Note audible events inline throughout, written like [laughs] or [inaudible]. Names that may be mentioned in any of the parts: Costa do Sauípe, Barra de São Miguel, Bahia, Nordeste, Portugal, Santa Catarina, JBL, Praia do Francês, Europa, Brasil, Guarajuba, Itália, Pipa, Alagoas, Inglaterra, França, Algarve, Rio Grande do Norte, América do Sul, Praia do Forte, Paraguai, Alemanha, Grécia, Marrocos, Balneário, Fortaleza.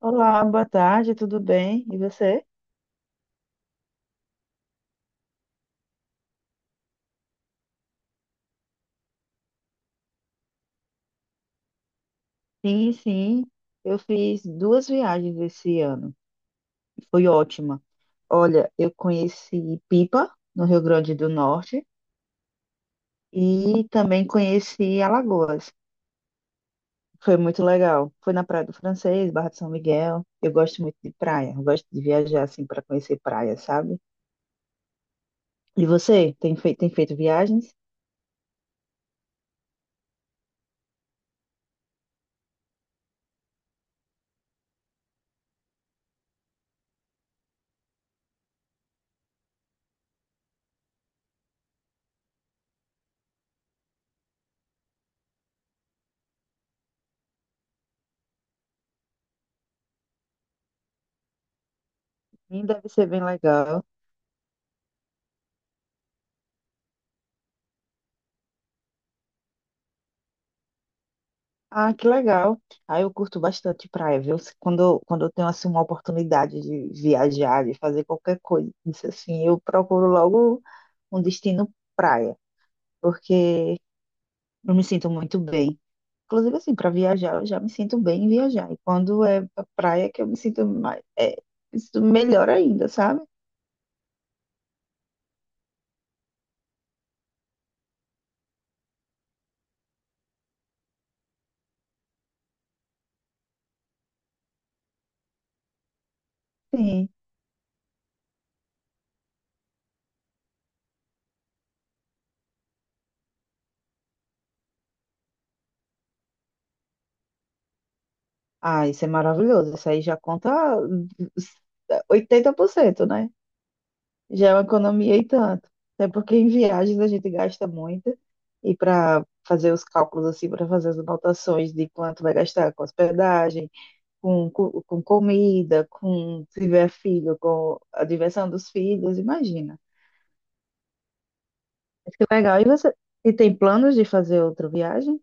Olá, boa tarde, tudo bem? E você? Sim, sim. Eu fiz duas viagens esse ano. Foi ótima. Olha, eu conheci Pipa, no Rio Grande do Norte, e também conheci Alagoas. Foi muito legal. Foi na Praia do Francês, Barra de São Miguel. Eu gosto muito de praia. Eu gosto de viajar assim para conhecer praia, sabe? E você? Tem feito viagens? Sim, deve ser bem legal. Ah, que legal. Ah, eu curto bastante praia, viu? Quando eu tenho assim uma oportunidade de viajar, de fazer qualquer coisa, isso assim, eu procuro logo um destino praia, porque eu me sinto muito bem. Inclusive assim, para viajar, eu já me sinto bem em viajar. E quando é pra praia que eu me sinto mais, me sinto melhor ainda, sabe? Sim. Ah, isso é maravilhoso. Isso aí já conta 80%, né? Já é uma economia e tanto. Até porque em viagens a gente gasta muito e para fazer os cálculos assim, para fazer as anotações de quanto vai gastar com hospedagem, com comida, com se tiver filho, com a diversão dos filhos, imagina. Mas que é legal. E tem planos de fazer outra viagem?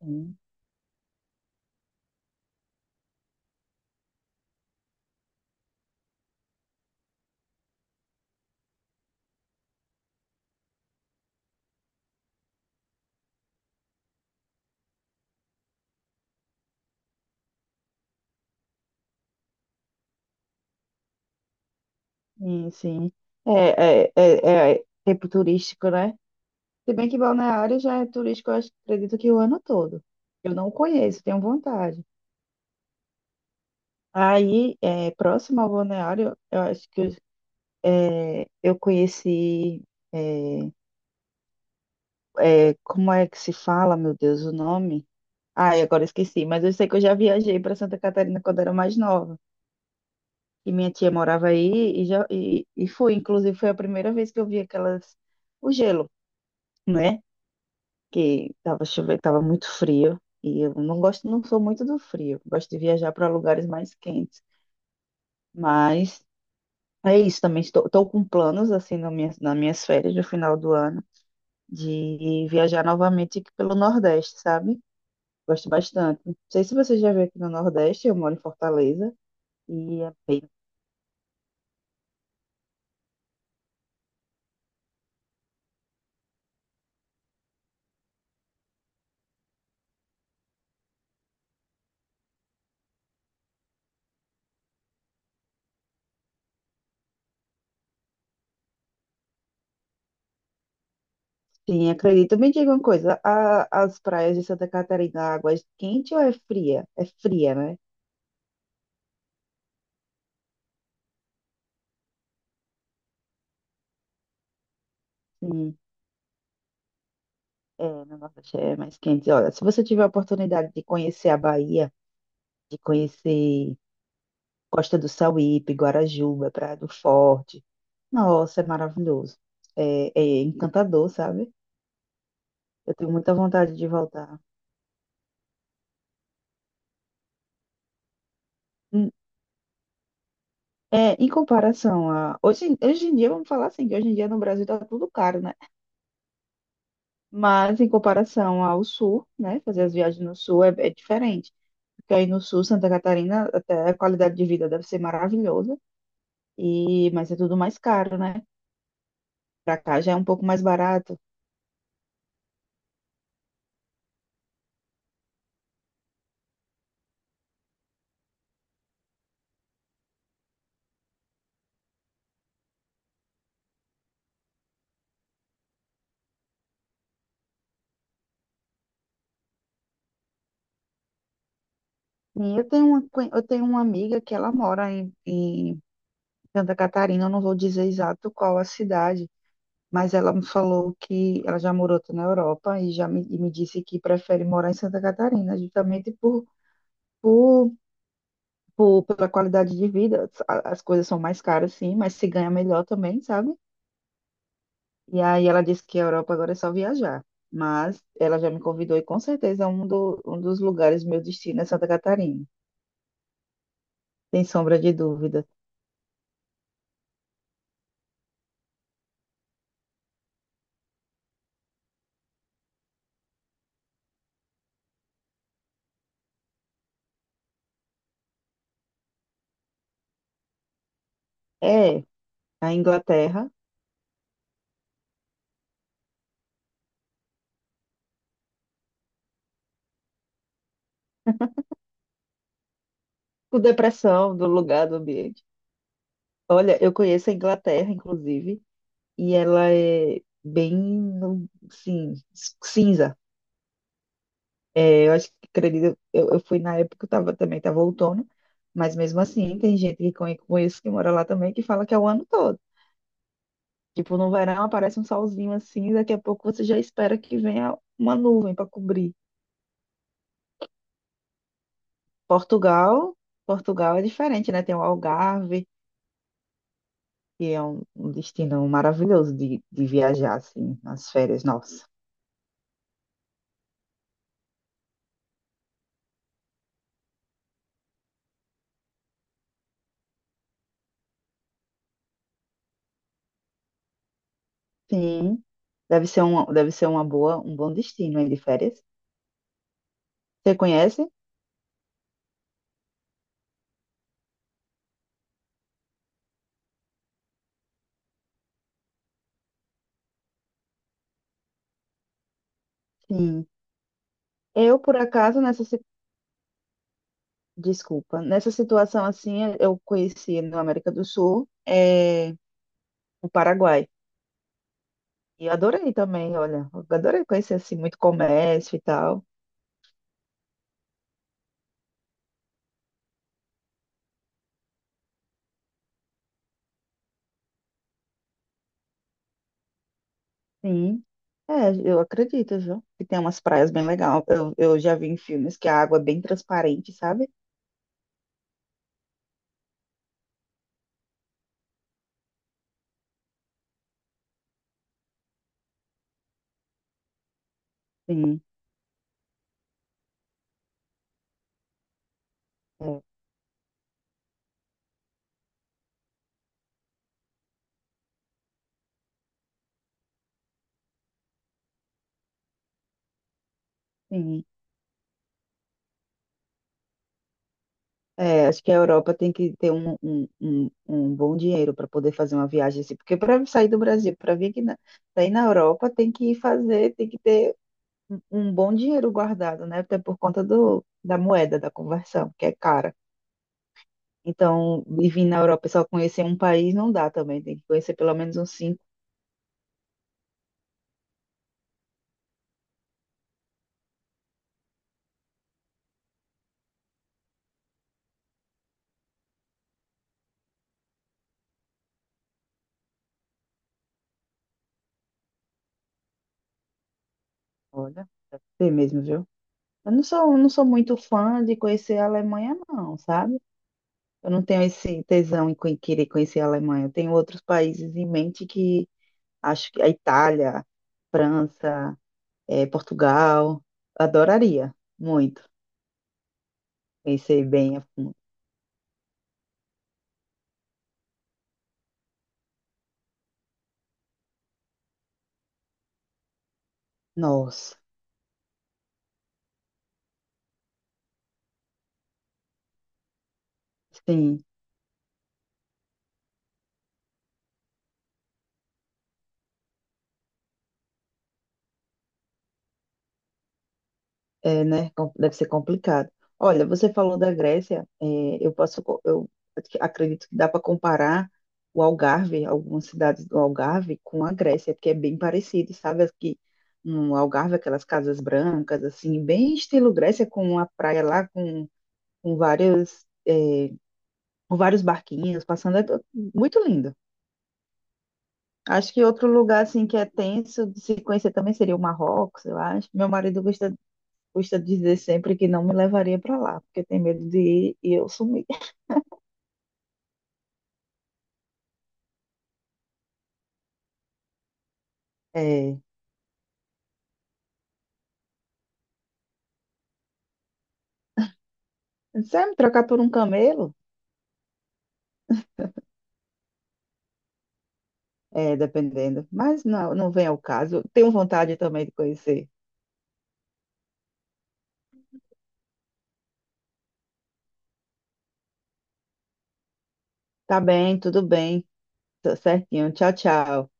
Sim, sim. Sim. É tempo turístico, né? Se bem que Balneário já é turístico, acredito que o ano todo. Eu não conheço, tenho vontade. Próximo ao balneário, eu acho que eu é, eu conheci. é, Como é que se fala, meu Deus, o nome? Ai, agora esqueci, mas eu sei que eu já viajei para Santa Catarina quando era mais nova. E minha tia morava aí e fui. Inclusive, foi a primeira vez que eu vi aquelas. O gelo, né? Que tava chovendo, tava muito frio. E eu não gosto, não sou muito do frio. Gosto de viajar para lugares mais quentes. Mas. É isso também. Estou com planos, assim, nas minhas férias do final do ano, de viajar novamente aqui pelo Nordeste, sabe? Gosto bastante. Não sei se você já veio aqui no Nordeste, eu moro em Fortaleza, e é bem. Sim, acredito. Me diga uma coisa: as praias de Santa Catarina, a água é quente ou é fria? É fria, né? Sim, é, no Nordeste é mais quente. Olha, se você tiver a oportunidade de conhecer a Bahia, de conhecer Costa do Sauípe, Guarajuba, Praia do Forte, nossa, é maravilhoso. É encantador, sabe? Eu tenho muita vontade de voltar. Hum. É, em comparação a. Hoje em dia, vamos falar assim, que hoje em dia no Brasil tá tudo caro, né? Mas em comparação ao sul, né? Fazer as viagens no sul é diferente. Porque aí no sul, Santa Catarina, até a qualidade de vida deve ser maravilhosa, mas é tudo mais caro, né? Pra cá já é um pouco mais barato. E eu tenho eu tenho uma amiga que ela mora em Santa Catarina, eu não vou dizer exato qual a cidade. Mas ela me falou que ela já morou na Europa e me disse que prefere morar em Santa Catarina, justamente por, pela qualidade de vida. As coisas são mais caras, sim, mas se ganha melhor também, sabe? E aí ela disse que a Europa agora é só viajar. Mas ela já me convidou e com certeza um dos lugares meu destino é Santa Catarina, sem sombra de dúvida. É a Inglaterra, com depressão do lugar, do ambiente. Olha, eu conheço a Inglaterra, inclusive. E ela é bem, sim, cinza. Eu fui na época, também estava outono, mas mesmo assim, tem gente conheço que mora lá também que fala que é o ano todo. Tipo, no verão aparece um solzinho assim, daqui a pouco você já espera que venha uma nuvem para cobrir. Portugal, Portugal é diferente, né? Tem o Algarve, que é um destino maravilhoso de viajar, assim, nas férias, nossa. Sim, deve ser uma boa, um bom destino aí de férias. Você conhece? Sim. Eu, por acaso, nessa, si- desculpa, Nessa situação assim, eu conheci na América do Sul, é, o Paraguai. E adorei também, olha, eu adorei conhecer assim muito comércio e tal. Sim. É, eu acredito, viu? Que tem umas praias bem legais. Eu já vi em filmes que a água é bem transparente, sabe? Sim. É, sim. É, acho que a Europa tem que ter um bom dinheiro para poder fazer uma viagem assim, porque para sair do Brasil, para vir aqui na, pra ir na Europa, tem que ter um bom dinheiro guardado, né? Até por conta da moeda, da conversão, que é cara. Então, e vir na Europa e só conhecer um país não dá também, tem que conhecer pelo menos uns cinco. Olha, tem mesmo, viu? Eu não sou, não sou muito fã de conhecer a Alemanha, não, sabe? Eu não tenho esse tesão em querer conhecer a Alemanha. Eu tenho outros países em mente que acho que a Itália, França, eh, Portugal. Adoraria muito conhecer bem a fundo. Nossa, sim, é, né? Deve ser complicado. Olha, você falou da Grécia, eu acredito que dá para comparar o Algarve, algumas cidades do Algarve, com a Grécia, porque é bem parecido, sabe? Aqui no Algarve, aquelas casas brancas, assim, bem estilo Grécia, com a praia lá, com va- com vários barquinhos passando, é muito lindo. Acho que outro lugar assim que é tenso de se conhecer também seria o Marrocos, eu acho. Gosta de dizer sempre que não me levaria para lá, porque tem medo de ir e eu sumir. É, [laughs] sabe, me trocar por um camelo? É, dependendo. Mas não, não vem ao caso. Tenho vontade também de conhecer. Tá bem, tudo bem, tô certinho. Tchau, tchau.